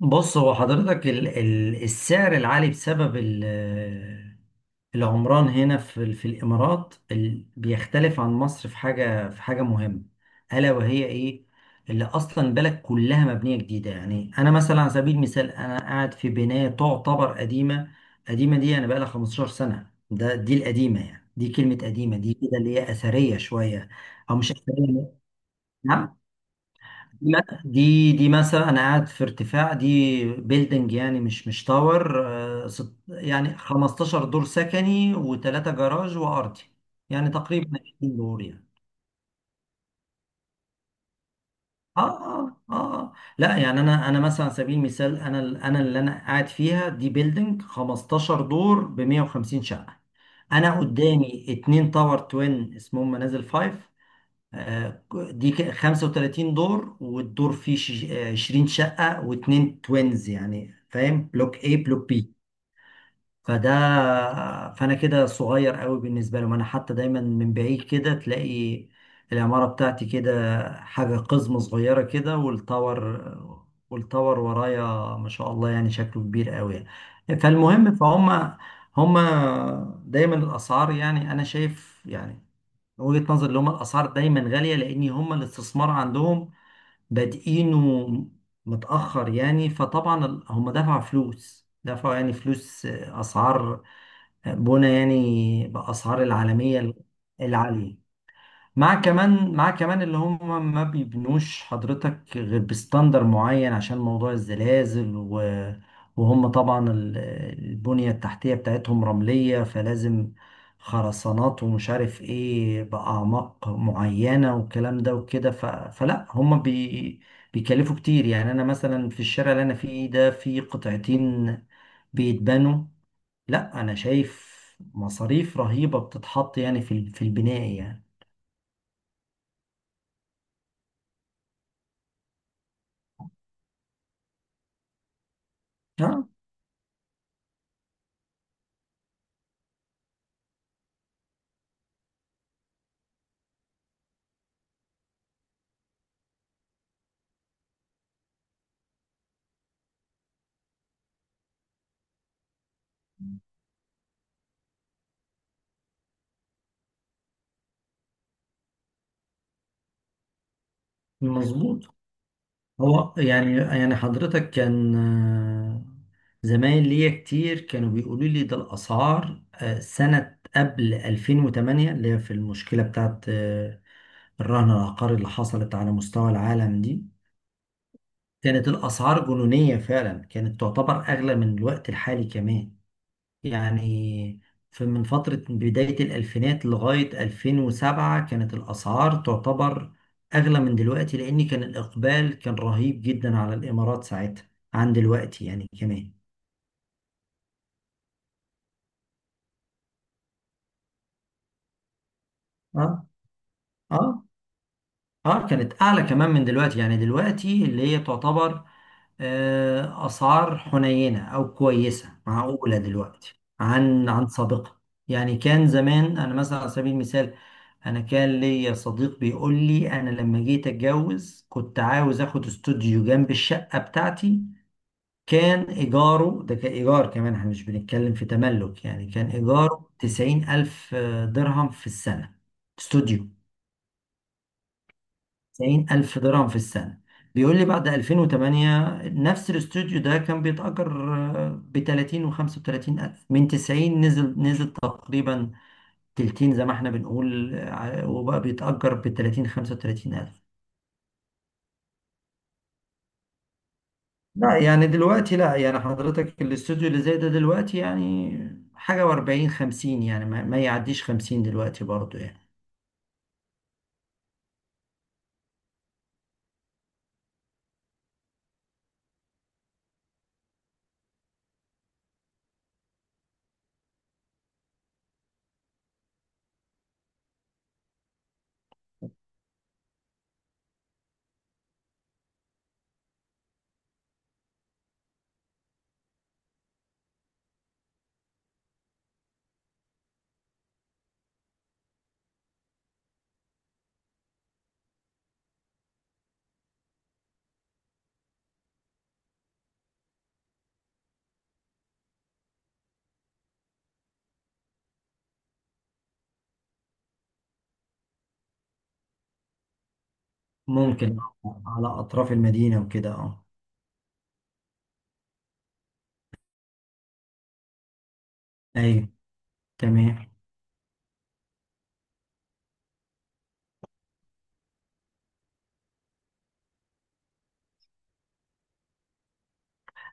بص، هو حضرتك ال ال السعر العالي بسبب العمران هنا في الإمارات بيختلف عن مصر في حاجة مهمة. ألا وهي إيه؟ اللي أصلا البلد كلها مبنية جديدة، يعني أنا مثلا على سبيل المثال أنا قاعد في بناية تعتبر قديمة. قديمة دي أنا بقالها 15 سنة، ده دي القديمة، يعني دي كلمة قديمة دي كده اللي هي أثرية شوية، أو مش أثرية. نعم. لا، دي مثلا انا قاعد في ارتفاع، دي بيلدنج يعني مش تاور. يعني 15 دور سكني وثلاثة جراج وارضي، يعني تقريبا 20 دور يعني. اه، اه، اه. آه. لا يعني، انا مثلا على سبيل المثال، انا اللي انا قاعد فيها دي بيلدنج 15 دور ب 150 شقة. انا قدامي اتنين تاور توين اسمهم منازل فايف. آه، دي 35 دور، والدور فيه 20 شقة، واتنين توينز يعني، فاهم، بلوك A بلوك بي. فده، فأنا كده صغير قوي بالنسبة لهم. أنا حتى دايما من بعيد كده تلاقي العمارة بتاعتي كده حاجة قزمة صغيرة كده، والتاور ورايا ما شاء الله، يعني شكله كبير قوي يعني. فالمهم، فهم هم دايما الأسعار، يعني أنا شايف يعني من وجهة نظر اللي هم، الاسعار دايما غاليه لان هم الاستثمار عندهم بادئينه متاخر. يعني فطبعا هم دفعوا فلوس، دفعوا يعني فلوس، اسعار بنا يعني باسعار العالميه العاليه. مع كمان اللي هم ما بيبنوش حضرتك غير بستاندر معين عشان موضوع الزلازل و... وهم طبعا البنية التحتية بتاعتهم رملية، فلازم خرسانات ومش عارف ايه بأعماق معينة، والكلام ده وكده. ف... فلا هم بي... بيكلفوا كتير. يعني انا مثلا في الشارع اللي انا فيه ده في قطعتين بيتبنوا، لا انا شايف مصاريف رهيبة بتتحط يعني في البناء. يعني مظبوط. هو يعني حضرتك كان، زمايل ليا كتير كانوا بيقولوا لي، ده الأسعار سنة قبل 2008، اللي هي في المشكلة بتاعت الرهن العقاري اللي حصلت على مستوى العالم دي، كانت الأسعار جنونية فعلا، كانت تعتبر أغلى من الوقت الحالي كمان يعني. في من فترة بداية الألفينات لغاية 2007 كانت الأسعار تعتبر أغلى من دلوقتي، لأن كان الإقبال كان رهيب جدا على الإمارات ساعتها عن دلوقتي يعني كمان. اه، اه. اه، كانت أعلى كمان من دلوقتي يعني. دلوقتي اللي هي تعتبر أسعار حنينة أو كويسة معقولة دلوقتي عن عن سابقة. يعني كان زمان، أنا مثلا على سبيل المثال، أنا كان ليا صديق بيقول لي، أنا لما جيت أتجوز كنت عاوز آخد استوديو جنب الشقة بتاعتي، كان إيجاره، ده كان إيجار كمان إحنا مش بنتكلم في تملك، يعني كان إيجاره تسعين ألف درهم في السنة، استوديو. 90 ألف درهم في السنة. بيقول لي بعد 2008 نفس الاستوديو ده كان بيتأجر آه، ب 30 و 35 ألف. من 90 نزل تقريبا تلتين، زي ما احنا بنقول، وبقى بيتأجر ب 30 35 ألف. لا يعني دلوقتي، لا يعني حضرتك الاستوديو اللي زي ده دلوقتي يعني حاجة و40 50، يعني ما يعديش 50 دلوقتي برضو يعني. ممكن على أطراف المدينة وكده، اه. أيوه. تمام.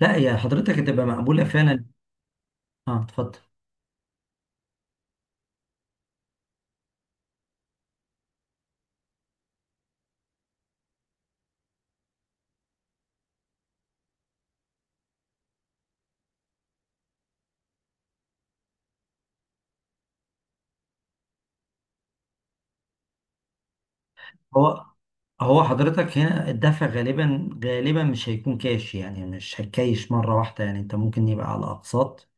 لا يا حضرتك، هتبقى مقبولة فعلا. اه، اتفضل. هو هو حضرتك هنا الدفع غالبا مش هيكون كاش، يعني مش هتكايش مرة واحدة، يعني انت ممكن يبقى على اقساط.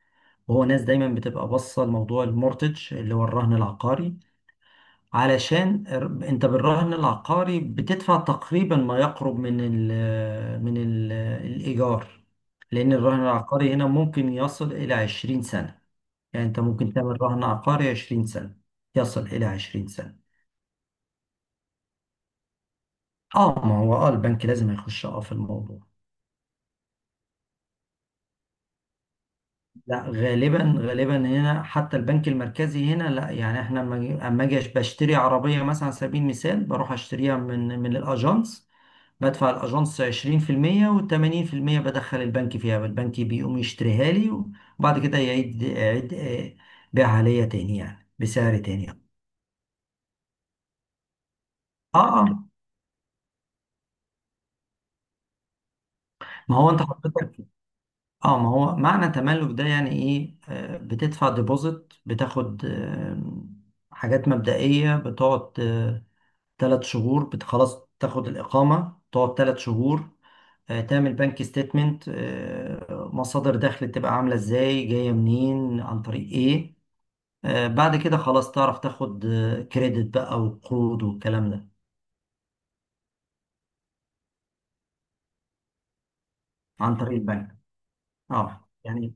وهو ناس دايما بتبقى باصة لموضوع المورتج اللي هو الرهن العقاري. علشان انت بالرهن العقاري بتدفع تقريبا ما يقرب من ال الايجار لان الرهن العقاري هنا ممكن يصل الى 20 سنة. يعني انت ممكن تعمل رهن عقاري 20 سنة، يصل الى 20 سنة. اه، ما هو اه البنك لازم يخش اه في الموضوع. لا، غالبا هنا حتى البنك المركزي هنا، لا يعني احنا لما أما اجي بشتري عربيه مثلا على سبيل المثال، بروح اشتريها من الاجانس، بدفع الاجانس 20% و80%، بدخل البنك فيها، البنك بيقوم يشتريها لي، وبعد كده يعيد بيعها ليا تاني يعني بسعر تاني. اه، اه. ما هو انت حضرتك، اه ما هو معنى تملك ده يعني ايه، بتدفع ديبوزيت، بتاخد حاجات مبدئية، بتقعد ثلاث شهور، خلاص تاخد الإقامة، تقعد ثلاث شهور، تعمل بنك ستيتمنت، مصادر دخل تبقى عاملة ازاي، جاية منين، عن طريق ايه، بعد كده خلاص تعرف تاخد كريدت بقى وقروض والكلام ده عن طريق البنك. اه يعني،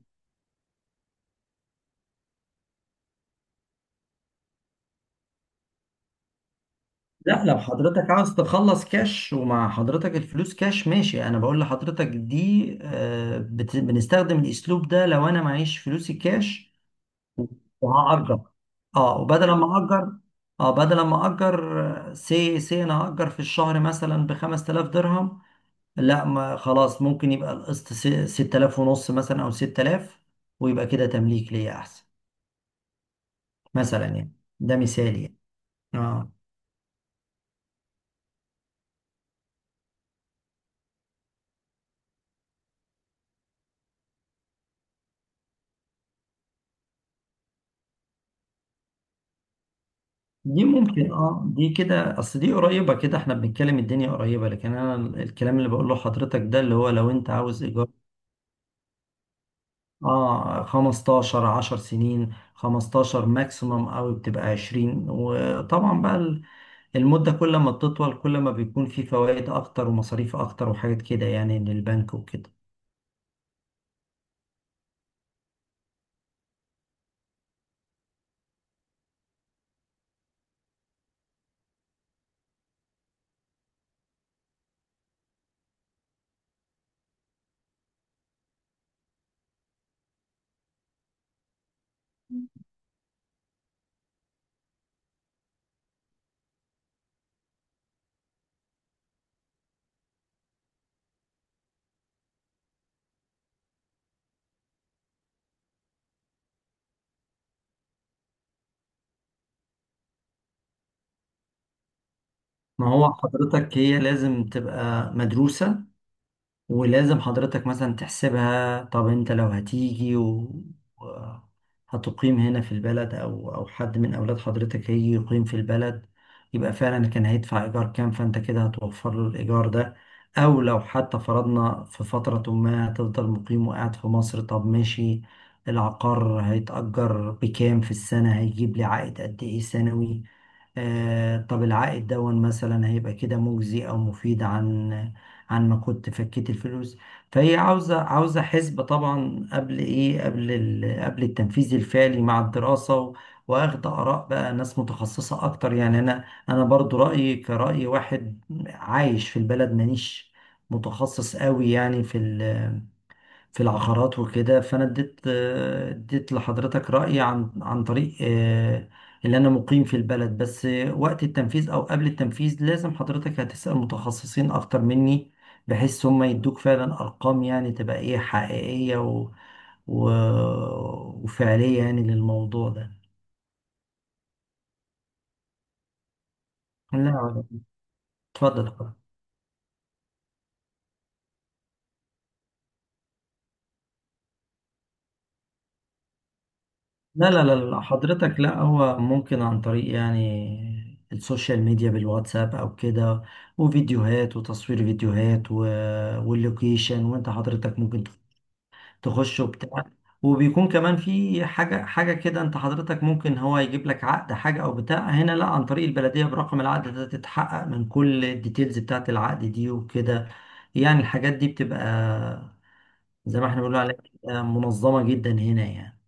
لا لو حضرتك عاوز تخلص كاش ومع حضرتك الفلوس كاش، ماشي، انا بقول لحضرتك دي بنستخدم الاسلوب ده لو انا معيش فلوسي كاش، وهأجر. اه وبدل ما اجر، اه بدل ما اجر، سي سي انا هأجر في الشهر مثلا ب 5000 درهم، لا ما خلاص، ممكن يبقى القسط 6000 ونص مثلا او 6000، ويبقى كده تمليك ليا احسن مثلا يعني. ده مثالي يعني. اه. دي ممكن، اه دي كده اصل دي قريبة كده، احنا بنتكلم الدنيا قريبة، لكن انا الكلام اللي بقوله لحضرتك ده اللي هو لو انت عاوز ايجار، اه 15 10 سنين، 15 ماكسيمم، او بتبقى 20. وطبعا بقى المدة كل ما بتطول كل ما بيكون في فوائد اكتر ومصاريف اكتر وحاجات كده يعني من البنك وكده. ما هو حضرتك، هي لازم تبقى مدروسة، ولازم حضرتك مثلا تحسبها. طب انت لو هتيجي و- هتقيم هنا في البلد، او او حد من اولاد حضرتك هيجي يقيم في البلد، يبقى فعلا كان هيدفع ايجار كام، فانت كده هتوفر له الايجار ده. او لو حتى فرضنا في فترة ما هتفضل مقيم وقاعد في مصر، طب ماشي، العقار هيتأجر بكام في السنة، هيجيب لي عائد قد ايه سنوي، طب العائد دون مثلا هيبقى كده مجزي او مفيد عن عن ما كنت فكيت الفلوس. فهي عاوزه حسبه طبعا قبل ايه، قبل التنفيذ الفعلي، مع الدراسه و... واخد اراء بقى ناس متخصصه اكتر. يعني انا برضو رايي كراي واحد عايش في البلد، مانيش متخصص قوي يعني في العقارات وكده. فانا اديت اديت لحضرتك رأيي عن عن طريق اللي انا مقيم في البلد. بس وقت التنفيذ او قبل التنفيذ لازم حضرتك هتسأل متخصصين اكتر مني، بحيث هم يدوك فعلا ارقام يعني تبقى ايه حقيقية و... و... وفعلية يعني للموضوع ده. لا، اتفضل. لا لا لا لا، حضرتك لا، هو ممكن عن طريق يعني السوشيال ميديا بالواتساب او كده، وفيديوهات، وتصوير فيديوهات و... واللوكيشن، وانت حضرتك ممكن تخش وبتاع. وبيكون كمان في حاجة كده، انت حضرتك ممكن هو يجيب لك عقد حاجة او بتاع هنا، لا عن طريق البلدية برقم العقد ده تتحقق من كل الديتيلز بتاعت العقد دي وكده، يعني الحاجات دي بتبقى زي ما احنا بنقول عليها منظمة جدا هنا يعني.